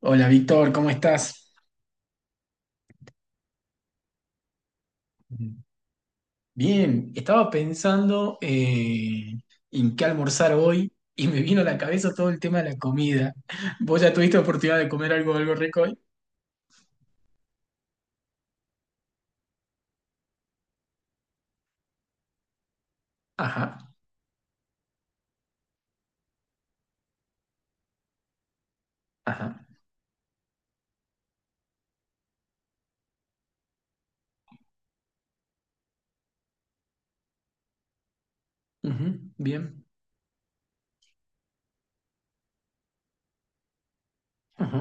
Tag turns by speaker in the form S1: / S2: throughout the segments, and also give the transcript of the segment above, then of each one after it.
S1: Hola Víctor, ¿cómo estás? Bien. Estaba pensando en qué almorzar hoy y me vino a la cabeza todo el tema de la comida. ¿Vos ya tuviste oportunidad de comer algo, algo rico hoy? Ajá, ajá, ujú, bien, ajá.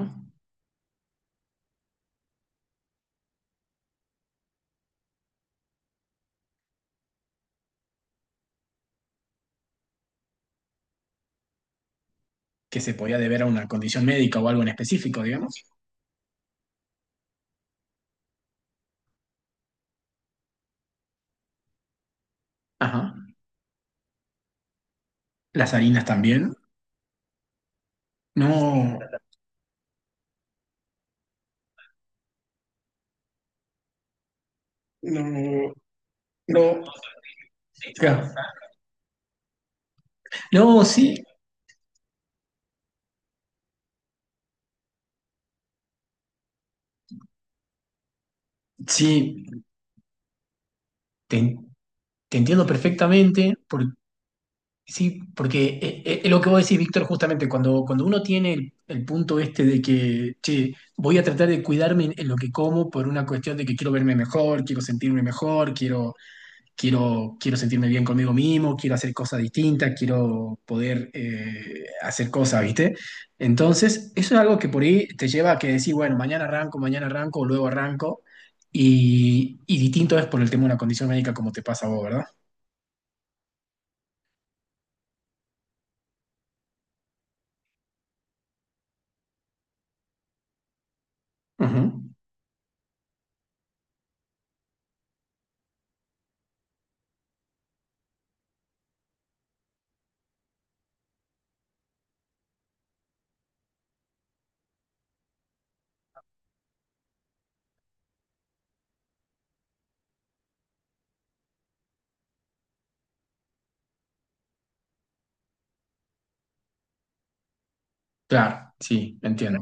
S1: Que se podía deber a una condición médica o algo en específico, digamos. Ajá. ¿Las harinas también? No, no, no. Claro. No, sí, sí, te, te entiendo perfectamente Por. Sí, porque es lo que vos decís, Víctor, justamente cuando uno tiene el punto este de que, che, voy a tratar de cuidarme en lo que como por una cuestión de que quiero verme mejor, quiero sentirme mejor, quiero sentirme bien conmigo mismo, quiero hacer cosas distintas, quiero poder hacer cosas, ¿viste? Entonces, eso es algo que por ahí te lleva a que decís, bueno, mañana arranco, o luego arranco, y distinto es por el tema de una condición médica como te pasa a vos, ¿verdad? Ujú. Claro, sí, entiendo.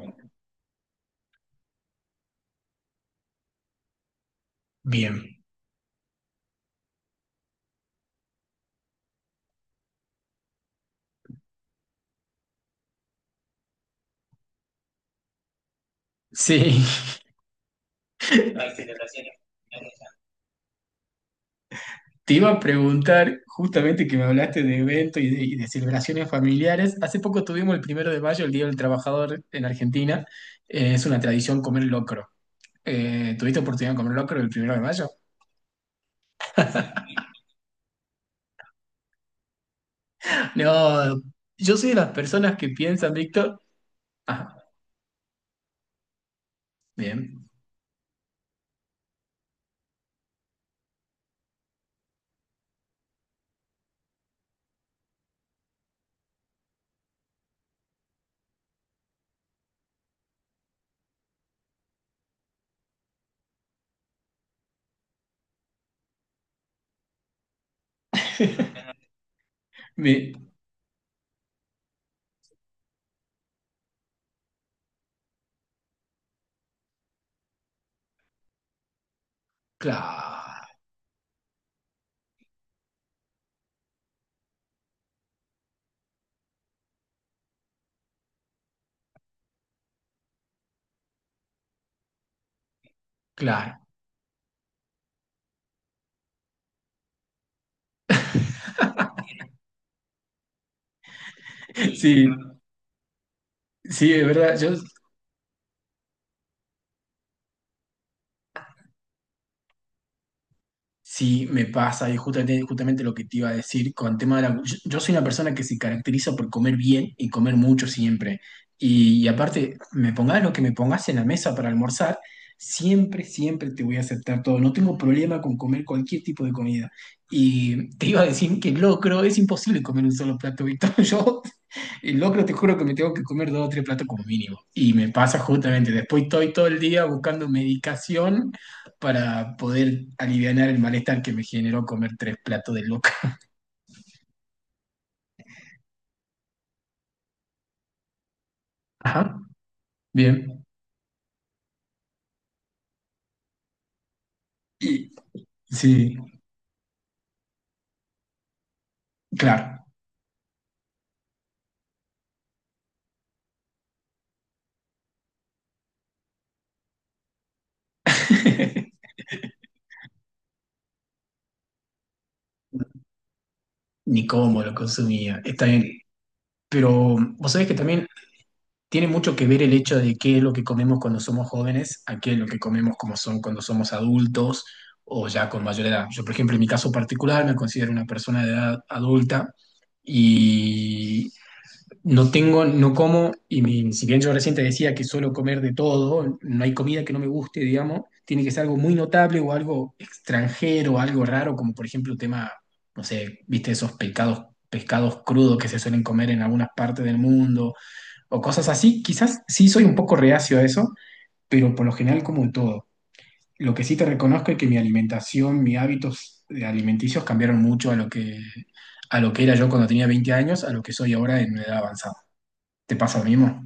S1: Bien. Sí. Te iba a preguntar, justamente que me hablaste de eventos y de celebraciones familiares. Hace poco tuvimos el primero de mayo, el Día del Trabajador en Argentina. Es una tradición comer locro. ¿Tuviste oportunidad de comer locro el primero de mayo? No, yo soy de las personas que piensan, Víctor. Ah, bien. Me- claro, claro. Sí, sí, es verdad. Yo sí, me pasa, y justamente, justamente lo que te iba a decir con tema de la... Yo soy una persona que se caracteriza por comer bien y comer mucho siempre. Y aparte, me pongas lo que me pongas en la mesa para almorzar, siempre, siempre te voy a aceptar todo. No tengo problema con comer cualquier tipo de comida. Y te iba a decir que locro, es imposible comer un solo plato, Víctor. Yo el locro te juro que me tengo que comer dos o tres platos como mínimo. Y me pasa justamente, después estoy todo el día buscando medicación para poder aliviar el malestar que me generó comer tres platos de locro. Ajá, bien. Y sí, claro. Ni cómo lo consumía, está bien. Pero vos sabés que también tiene mucho que ver el hecho de qué es lo que comemos cuando somos jóvenes a qué es lo que comemos como son cuando somos adultos o ya con mayor edad. Yo, por ejemplo, en mi caso particular me considero una persona de edad adulta y no como, y mi- si bien yo recién te decía que suelo comer de todo, no hay comida que no me guste, digamos, tiene que ser algo muy notable o algo extranjero, algo raro, como por ejemplo tema, no sé, viste esos pecados, pescados crudos que se suelen comer en algunas partes del mundo o cosas así. Quizás sí soy un poco reacio a eso, pero por lo general como todo. Lo que sí te reconozco es que mi alimentación, mis hábitos de alimenticios cambiaron mucho a lo que era yo cuando tenía 20 años, a lo que soy ahora en una edad avanzada. ¿Te pasa lo mismo?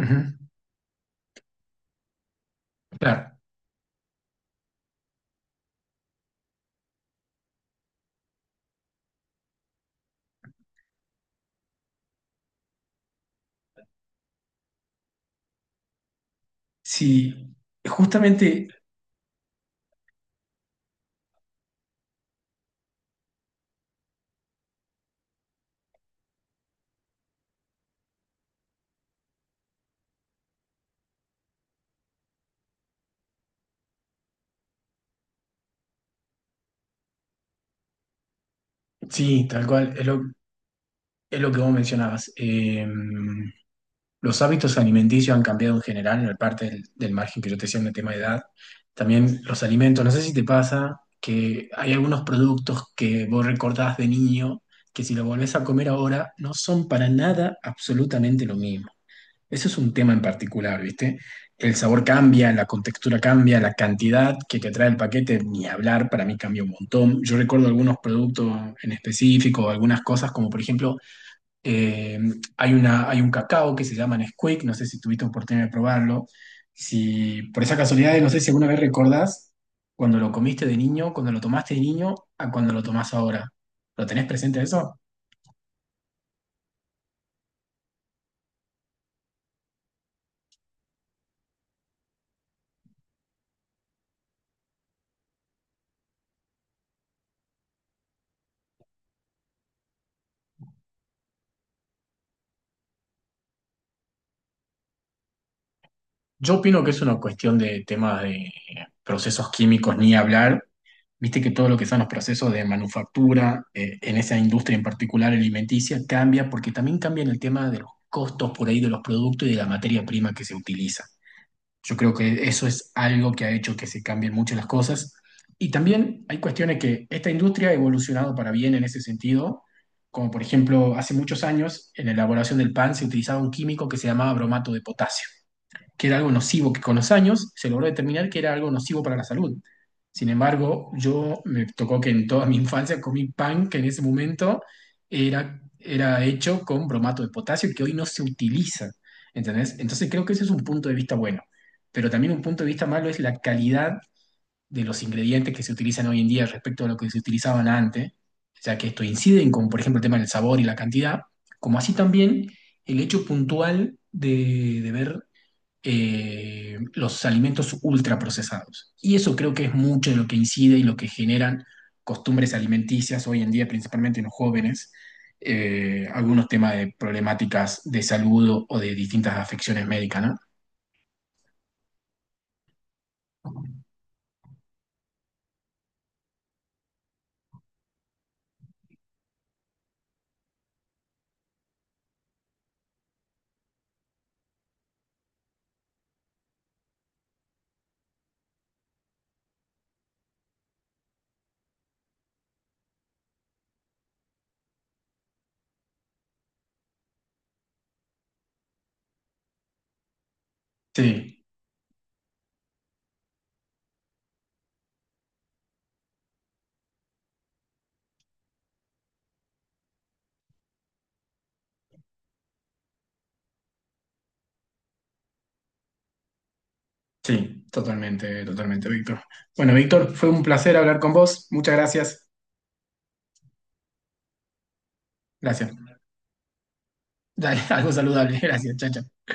S1: Ujú. Claro. Sí, justamente, sí, tal cual, es lo que vos mencionabas. Los hábitos alimenticios han cambiado en general, en la parte del margen que yo te decía en el tema de edad. También los alimentos, no sé si te pasa que hay algunos productos que vos recordás de niño que si lo volvés a comer ahora no son para nada absolutamente lo mismo. Eso es un tema en particular, ¿viste? El sabor cambia, la contextura cambia, la cantidad que te trae el paquete, ni hablar, para mí cambia un montón. Yo recuerdo algunos productos en específico, algunas cosas, como por ejemplo eh, hay un cacao que se llama Nesquik, no sé si tuviste oportunidad de probarlo. Si por esa casualidad, no sé si alguna vez recordás cuando lo comiste de niño, cuando lo tomaste de niño, a cuando lo tomás ahora. ¿Lo tenés presente eso? Yo opino que es una cuestión de temas de procesos químicos, ni hablar. Viste que todo lo que son los procesos de manufactura, en esa industria en particular alimenticia, cambia porque también cambian el tema de los costos por ahí de los productos y de la materia prima que se utiliza. Yo creo que eso es algo que ha hecho que se cambien muchas las cosas. Y también hay cuestiones que esta industria ha evolucionado para bien en ese sentido, como por ejemplo, hace muchos años en la elaboración del pan se utilizaba un químico que se llamaba bromato de potasio que era algo nocivo, que con los años se logró determinar que era algo nocivo para la salud. Sin embargo, yo me tocó que en toda mi infancia comí pan que en ese momento era hecho con bromato de potasio que hoy no se utiliza. ¿Entendés? Entonces creo que ese es un punto de vista bueno. Pero también un punto de vista malo es la calidad de los ingredientes que se utilizan hoy en día respecto a lo que se utilizaban antes, ya que esto inciden con, por ejemplo, el tema del sabor y la cantidad, como así también el hecho puntual de ver los alimentos ultraprocesados. Y eso creo que es mucho de lo que incide y lo que generan costumbres alimenticias hoy en día, principalmente en los jóvenes, algunos temas de problemáticas de salud o de distintas afecciones médicas, ¿no? Sí, sí, totalmente, totalmente, Víctor. Bueno, Víctor, fue un placer hablar con vos. Muchas gracias. Gracias. Dale, algo saludable. Gracias. Chao, chao.